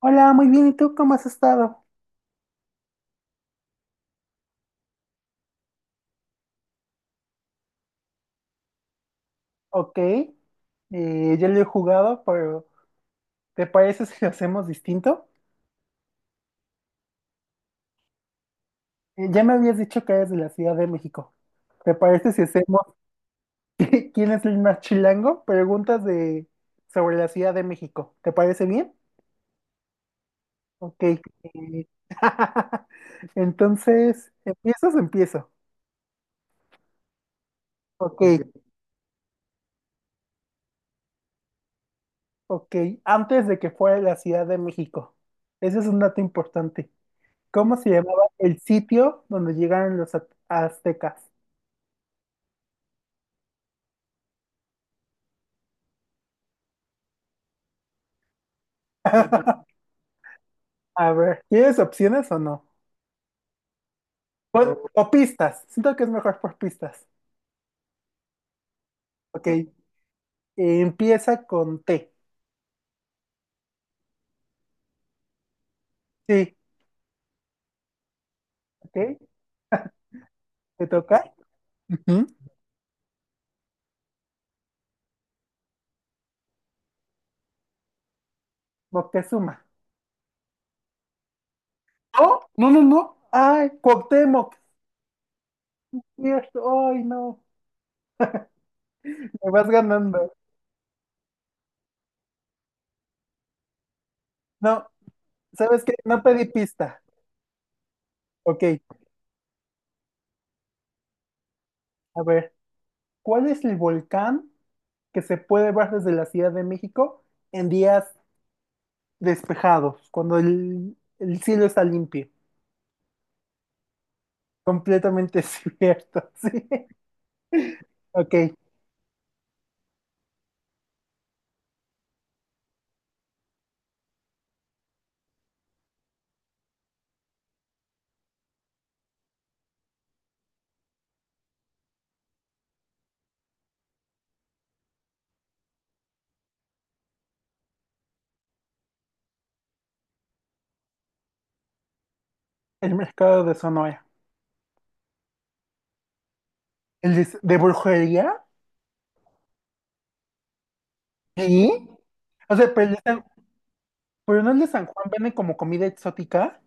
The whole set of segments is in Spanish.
Hola, muy bien. ¿Y tú cómo has estado? Ok, ya lo he jugado, pero ¿te parece si lo hacemos distinto? Ya me habías dicho que eres de la Ciudad de México. ¿Te parece si hacemos quién es el más chilango? Preguntas de sobre la Ciudad de México. ¿Te parece bien? Ok. Entonces, ¿empiezas o empiezo? Ok, ok. Antes de que fuera la Ciudad de México. Ese es un dato importante. ¿Cómo se llamaba el sitio donde llegaron los aztecas? A ver, ¿tienes opciones o no? O pistas. Siento que es mejor por pistas. Ok. Empieza con T. Sí. Ok. ¿Te toca? Ujú. Moctezuma. No, no, no, no. Ay, Cuauhtémoc. Cierto. Ay, no. Me vas ganando. No, ¿sabes qué? No pedí pista. Ok. A ver, ¿cuál es el volcán que se puede ver desde la Ciudad de México en días despejados, cuando el cielo está limpio? Completamente cierto, sí. Ok, el mercado de Sonora. ¿El de brujería? Sí. O sea, pero, el de San- pero no el de San Juan vende como comida exótica.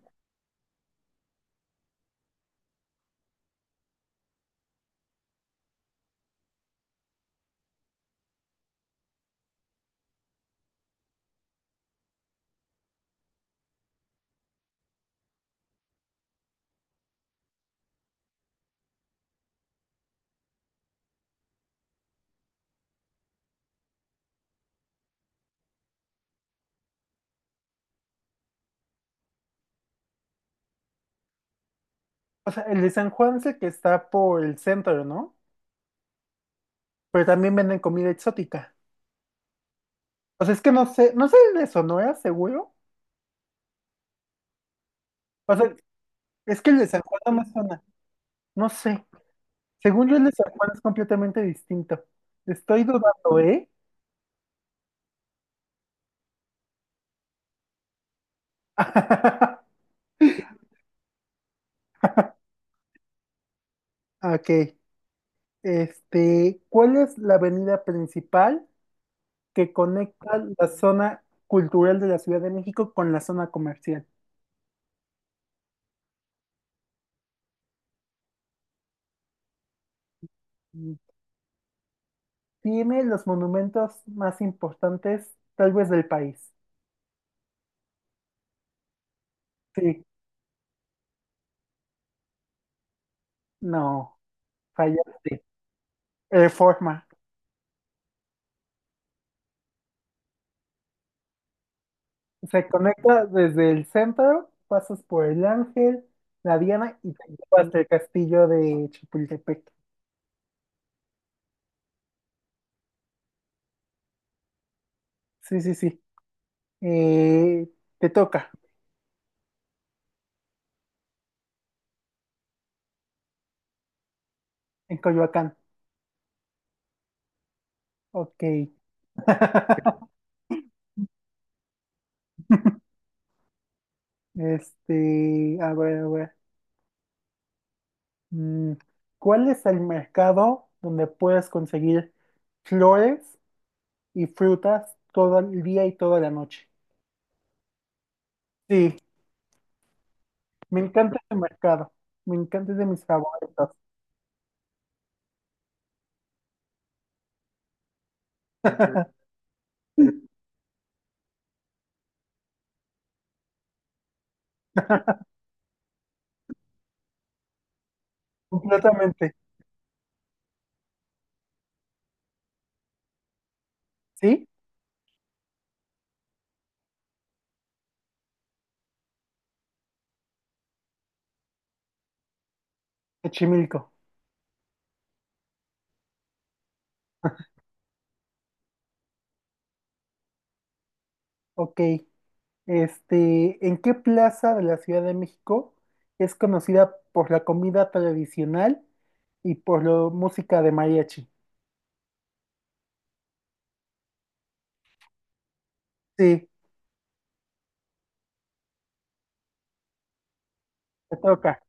O sea, el de San Juan es el que está por el centro, ¿no? Pero también venden comida exótica. O sea, es que no sé el de Sonora, seguro. O sea, es que el de San Juan no me suena. No sé. Según yo, el de San Juan es completamente distinto. Estoy dudando, ¿eh? Ok, este, ¿cuál es la avenida principal que conecta la zona cultural de la Ciudad de México con la zona comercial? Mm, tiene los monumentos más importantes, tal vez del país. Sí, no, fallaste. Reforma. Se conecta desde el centro, pasas por el Ángel, la Diana y te lleva hasta el castillo de Chapultepec. Sí, sí, sí. Eh, te toca en Coyoacán. Ok. Este, a ver, a ver. mm, ¿Cuál es el mercado donde puedes conseguir flores y frutas todo el día y toda la noche? Sí, me encanta ese mercado. Me encanta, es de mis favoritos. Completamente. ¿Sí? Xochimilco. Ok. Este, ¿en qué plaza de la Ciudad de México es conocida por la comida tradicional y por la música de mariachi? Sí, te toca.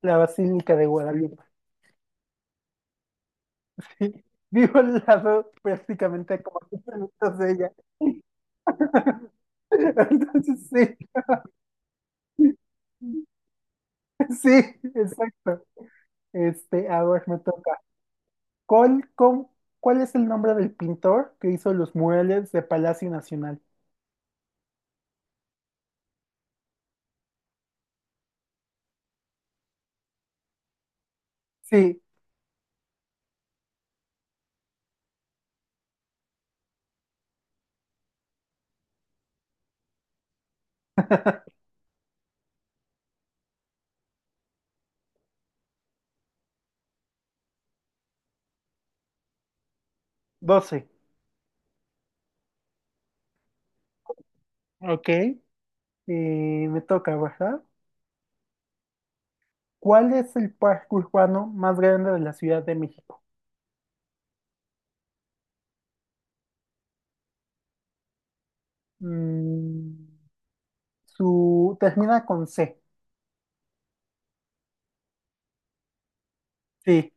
La Basílica de Guadalupe. Sí, vivo al lado prácticamente como a 15 minutos de ella. Entonces, sí, sí, exacto. Este, a ver, me toca. ¿Cuál, cómo- Cuál es el nombre del pintor que hizo los murales de Palacio Nacional? Sí, doce. Ok. Me toca, ¿verdad? ¿Cuál es el parque urbano más grande de la Ciudad de México? Mm, su termina con C. Sí.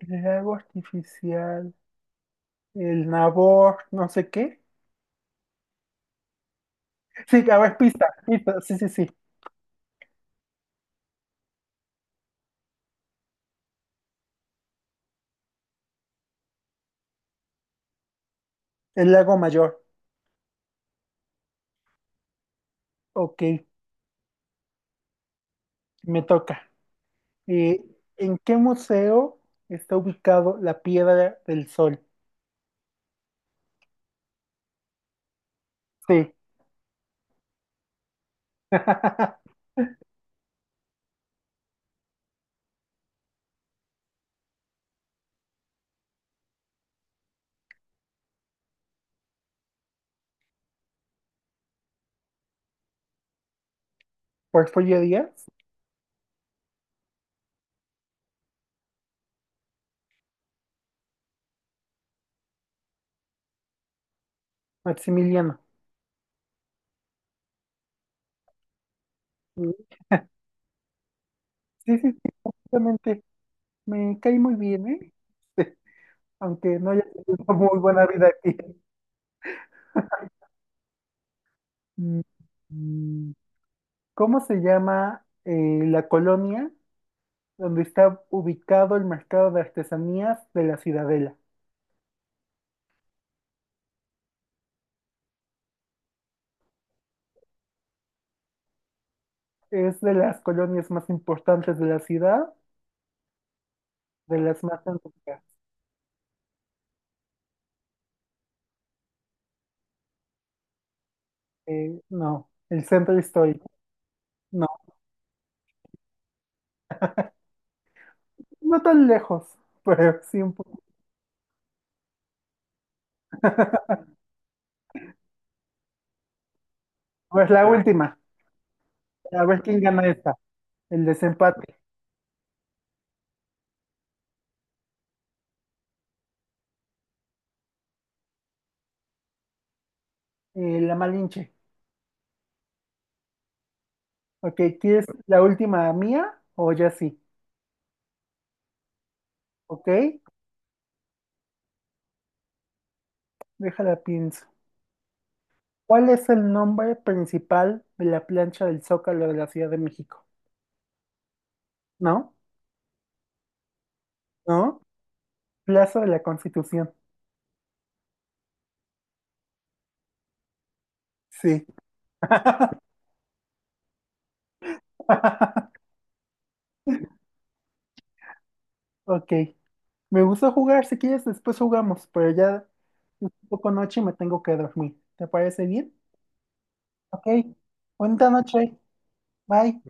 El lago artificial. El Nabor, no sé qué. Sí, a ver, pista, pista, sí, sí, sí. El Lago Mayor. Ok, me toca. Eh, ¿En qué museo está ubicado la Piedra del Sol? Sí. Porfirio Díaz, Maximiliano. Sí, sí, sí, exactamente. Me cae muy bien, ¿eh? Sí, aunque no haya tenido muy buena vida aquí. Mm, mm, ¿Cómo se llama la colonia donde está ubicado el mercado de artesanías de la Ciudadela? Es de las colonias más importantes de la ciudad, de las más antiguas. No, el centro histórico. No, no tan lejos, pero sí un poco. Pues la última, a ver quién gana esta, el desempate. La Malinche. Ok, ¿quieres la última mía o ya sí? Ok, déjala pienso. ¿Cuál es el nombre principal de la plancha del Zócalo de la Ciudad de México? ¿No? ¿No? Plazo de la Constitución. Sí. Ok. Me gusta jugar. Si quieres, después jugamos, pero ya es un poco noche y me tengo que dormir. ¿Te parece bien? Ok. Buena noche. Bye.